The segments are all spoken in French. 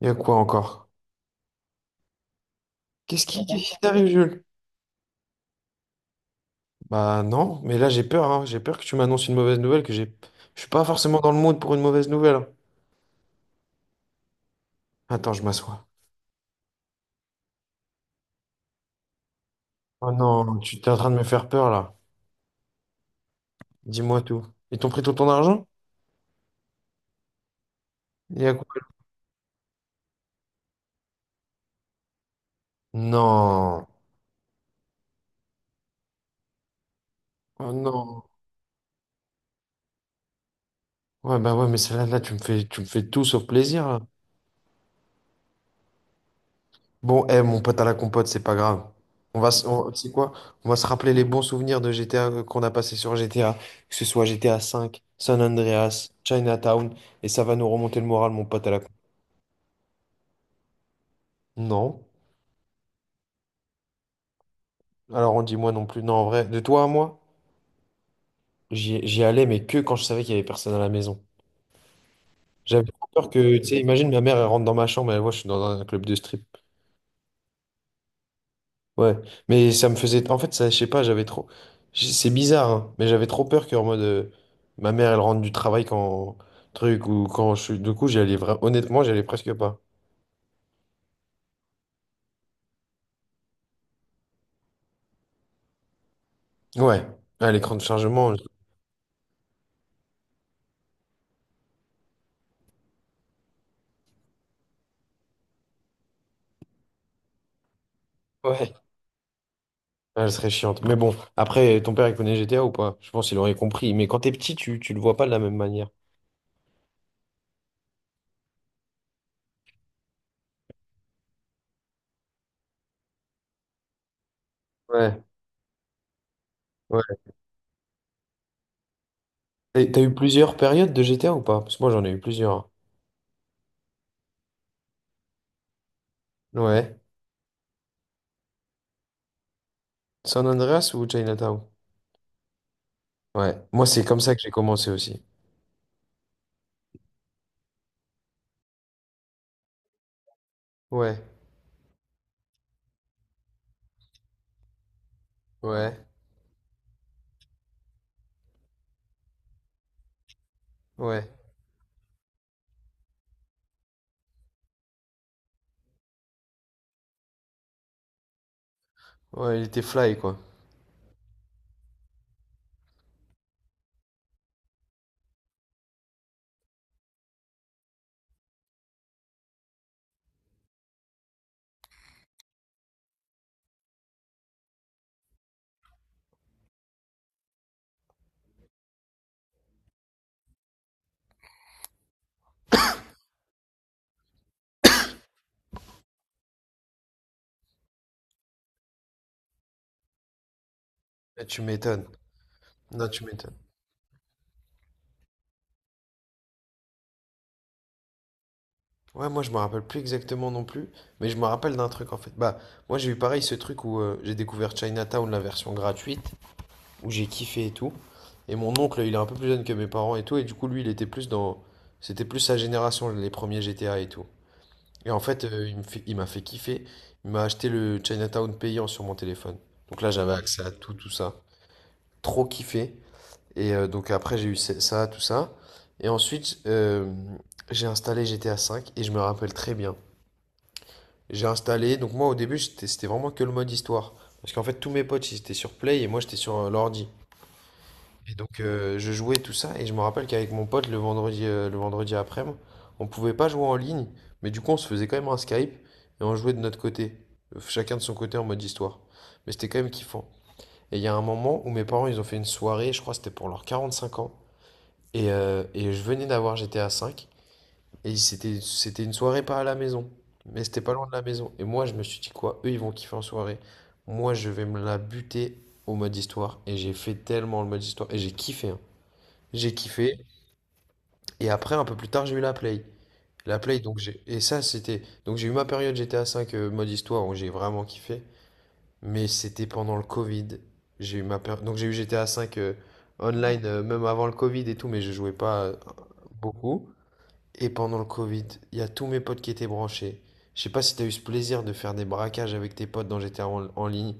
Il y a quoi encore? Qu'est-ce qui t'arrive, Jules? Bah non, mais là j'ai peur, hein. J'ai peur que tu m'annonces une mauvaise nouvelle, que j'ai. Je suis pas forcément dans le mood pour une mauvaise nouvelle. Attends, je m'assois. Oh non, tu t'es en train de me faire peur là. Dis-moi tout. Ils t'ont pris tout ton argent? Il y a quoi? Non. Oh non. Ouais, bah ouais, mais celle-là, là, tu me fais tout sauf plaisir là. Bon, eh, mon pote à la compote, c'est pas grave. On va, se- on- Tu sais quoi? On va se rappeler les bons souvenirs de GTA qu'on a passé sur GTA, que ce soit GTA 5, San Andreas, Chinatown, et ça va nous remonter le moral, mon pote à la compote. Non. Alors on dit moi non plus. Non, en vrai, de toi à moi, j'y allais, mais que quand je savais qu'il y avait personne à la maison. J'avais trop peur que, tu sais, imagine ma mère, elle rentre dans ma chambre, elle voit, je suis dans un club de strip. Ouais, mais ça me faisait. En fait, ça, je sais pas, j'avais trop. C'est bizarre, hein, mais j'avais trop peur qu'en mode. Ma mère, elle rentre du travail quand. Truc, ou quand je suis. Du coup, j'y allais Honnêtement, j'y allais presque pas. Ouais, à l'écran de chargement, ouais, elle serait chiante. Mais bon, après, ton père, il connaît GTA ou pas? Je pense qu'il aurait compris. Mais quand t'es petit, tu le vois pas de la même manière. Ouais, ouais. Et t'as eu plusieurs périodes de GTA ou pas? Parce que moi, j'en ai eu plusieurs. Ouais. San Andreas ou Chinatown? Ouais. Moi, c'est comme ça que j'ai commencé aussi. Ouais, ouais, ouais. Ouais, il était fly, quoi. Eh, tu m'étonnes. Non, tu m'étonnes. Ouais, moi, je me rappelle plus exactement non plus, mais je me rappelle d'un truc, en fait. Bah, moi, j'ai eu pareil ce truc où j'ai découvert Chinatown, la version gratuite, où j'ai kiffé et tout. Et mon oncle, il est un peu plus jeune que mes parents et tout, et du coup, lui, il était plus dans. C'était plus sa génération, les premiers GTA et tout. Et en fait, il m'a fait kiffer. Il m'a acheté le Chinatown payant sur mon téléphone. Donc là, j'avais accès à tout, tout ça. Trop kiffé. Et donc après, j'ai eu ça, tout ça. Et ensuite, j'ai installé GTA V et je me rappelle très bien. J'ai installé, donc moi au début, c'était vraiment que le mode histoire. Parce qu'en fait, tous mes potes, ils étaient sur Play et moi, j'étais sur l'ordi. Et donc, je jouais tout ça et je me rappelle qu'avec mon pote, le vendredi après-midi, on pouvait pas jouer en ligne, mais du coup, on se faisait quand même un Skype et on jouait de notre côté. Chacun de son côté en mode histoire. Mais c'était quand même kiffant. Et il y a un moment où mes parents, ils ont fait une soirée, je crois que c'était pour leurs 45 ans. Et je venais d'avoir GTA V. Et c'était une soirée pas à la maison. Mais c'était pas loin de la maison. Et moi, je me suis dit quoi? Eux, ils vont kiffer en soirée. Moi, je vais me la buter au mode histoire. Et j'ai fait tellement le mode histoire. Et j'ai kiffé, hein. J'ai kiffé. Et après, un peu plus tard, j'ai eu la play. La play, donc j'ai. Et ça, c'était. Donc j'ai eu ma période GTA V mode histoire où j'ai vraiment kiffé. Mais c'était pendant le Covid. J'ai eu ma Donc j'ai eu GTA V online, même avant le Covid et tout. Mais je jouais pas beaucoup. Et pendant le Covid, il y a tous mes potes qui étaient branchés. Je sais pas si t'as eu ce plaisir de faire des braquages avec tes potes dont j'étais en ligne,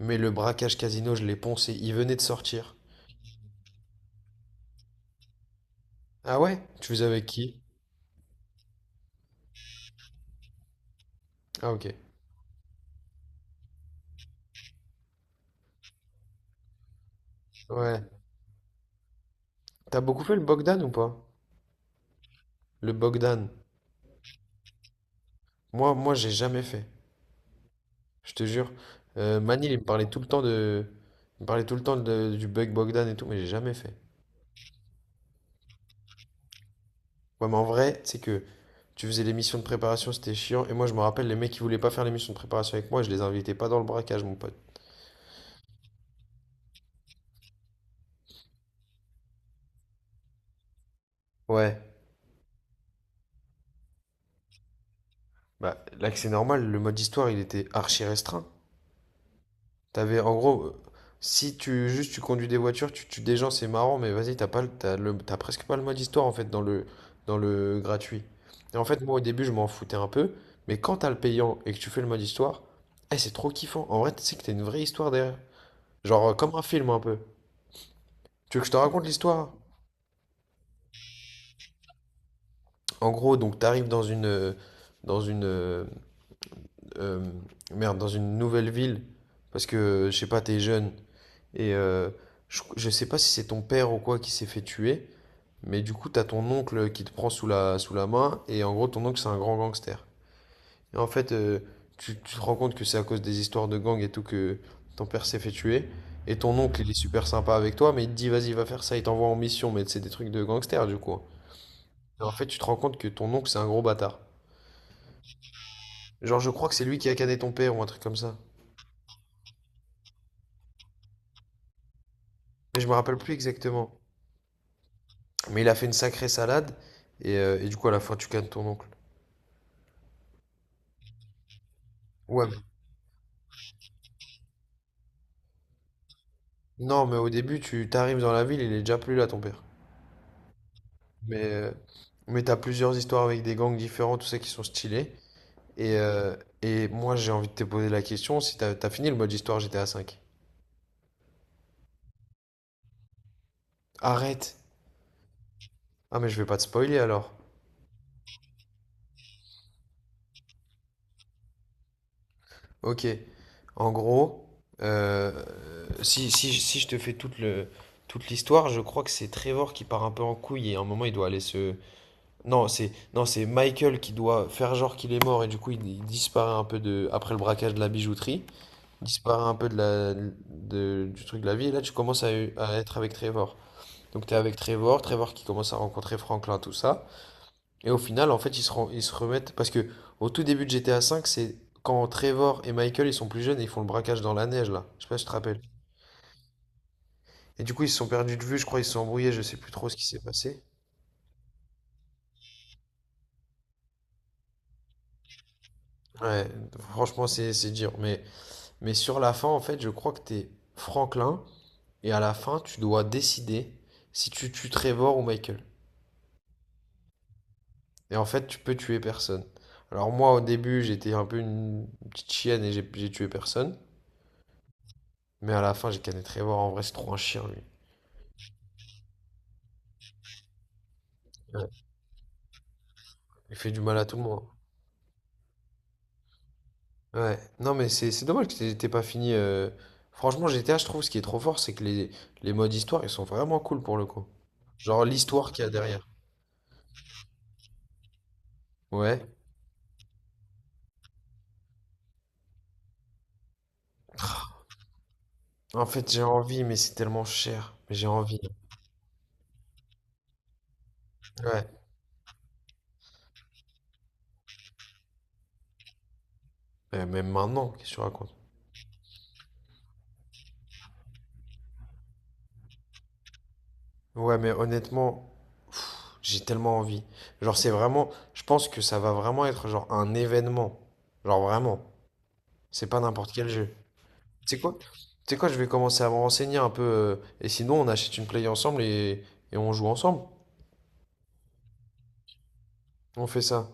mais le braquage casino, je l'ai poncé, il venait de sortir. Ah ouais? Tu faisais avec qui? Ah ok. Ouais. T'as beaucoup fait le Bogdan ou pas? Le Bogdan. Moi, j'ai jamais fait. Je te jure. Manil, il me parlait tout le temps de- du bug Bogdan et tout, mais j'ai jamais fait. Ouais, mais en vrai, c'est que tu faisais les missions de préparation, c'était chiant. Et moi, je me rappelle, les mecs qui voulaient pas faire les missions de préparation avec moi, je les invitais pas dans le braquage, mon pote. Ouais, bah là que c'est normal, le mode histoire il était archi restreint. T'avais en gros, si tu juste tu conduis des voitures, tu tues des gens, c'est marrant, mais vas-y, t'as pas le, t'as presque pas le mode histoire en fait dans le, gratuit. Et en fait, moi au début je m'en foutais un peu, mais quand t'as le payant et que tu fais le mode histoire, eh, c'est trop kiffant. En vrai, tu sais que t'as une vraie histoire derrière. Genre comme un film un peu. Tu veux que je te raconte l'histoire? En gros, donc t'arrives dans une, dans une, euh, euh, merde, dans une nouvelle ville parce que je sais pas, t'es jeune. Et je sais pas si c'est ton père ou quoi qui s'est fait tuer, mais du coup, t'as ton oncle qui te prend sous la main, et en gros, ton oncle, c'est un grand gangster. Et en fait, tu te rends compte que c'est à cause des histoires de gang et tout que ton père s'est fait tuer, et ton oncle, il est super sympa avec toi, mais il te dit, vas-y, va faire ça, il t'envoie en mission, mais c'est des trucs de gangster, du coup. Et en fait, tu te rends compte que ton oncle, c'est un gros bâtard. Genre, je crois que c'est lui qui a cané ton père ou un truc comme ça. Mais je me rappelle plus exactement. Mais il a fait une sacrée salade, et du coup, à la fin, tu cannes ton oncle. Ouais, non, mais au début, tu t'arrives dans la ville, il est déjà plus là, ton père. Mais, euh, mais t'as plusieurs histoires avec des gangs différents, tout ça qui sont stylés. Et, euh, et moi, j'ai envie de te poser la question si t'as fini le mode histoire GTA V. Arrête! Ah, mais je vais pas te spoiler alors. Ok. En gros, euh, si je te fais toute l'histoire, je crois que c'est Trevor qui part un peu en couille et à un moment, il doit aller se. Non, c'est non, c'est Michael qui doit faire genre qu'il est mort et du coup, il disparaît un peu de, après le braquage de la bijouterie. Disparaît un peu du truc de la vie. Et là, tu commences à être avec Trevor. Donc, tu es avec Trevor, Trevor qui commence à rencontrer Franklin, tout ça. Et au final, en fait, ils se remettent. Parce que au tout début de GTA V, c'est quand Trevor et Michael, ils sont plus jeunes et ils font le braquage dans la neige, là. Je sais pas si tu te rappelles. Et du coup, ils se sont perdus de vue, je crois, ils se sont embrouillés, je sais plus trop ce qui s'est passé. Ouais, franchement, c'est dur. Mais sur la fin, en fait, je crois que t'es Franklin. Et à la fin, tu dois décider si tu tues Trevor ou Michael. Et en fait, tu peux tuer personne. Alors moi, au début, j'étais un peu une petite chienne et j'ai tué personne. Mais à la fin, j'ai canné Trevor. En vrai, c'est trop un chien, lui. Ouais. Il fait du mal à tout le monde. Ouais. Non, mais c'est dommage que t'aies pas fini. Franchement, GTA, je trouve, ce qui est trop fort, c'est que les modes histoire, ils sont vraiment cool pour le coup. Genre l'histoire qu'il y a derrière. Ouais. En fait, j'ai envie, mais c'est tellement cher. Mais j'ai envie. Ouais. Même maintenant, qu'est-ce que tu racontes? Ouais, mais honnêtement, j'ai tellement envie. Genre, c'est vraiment. Je pense que ça va vraiment être genre un événement. Genre, vraiment. C'est pas n'importe quel jeu. Tu sais quoi? Tu sais quoi? Je vais commencer à me renseigner un peu, et sinon, on achète une play ensemble et on joue ensemble. On fait ça.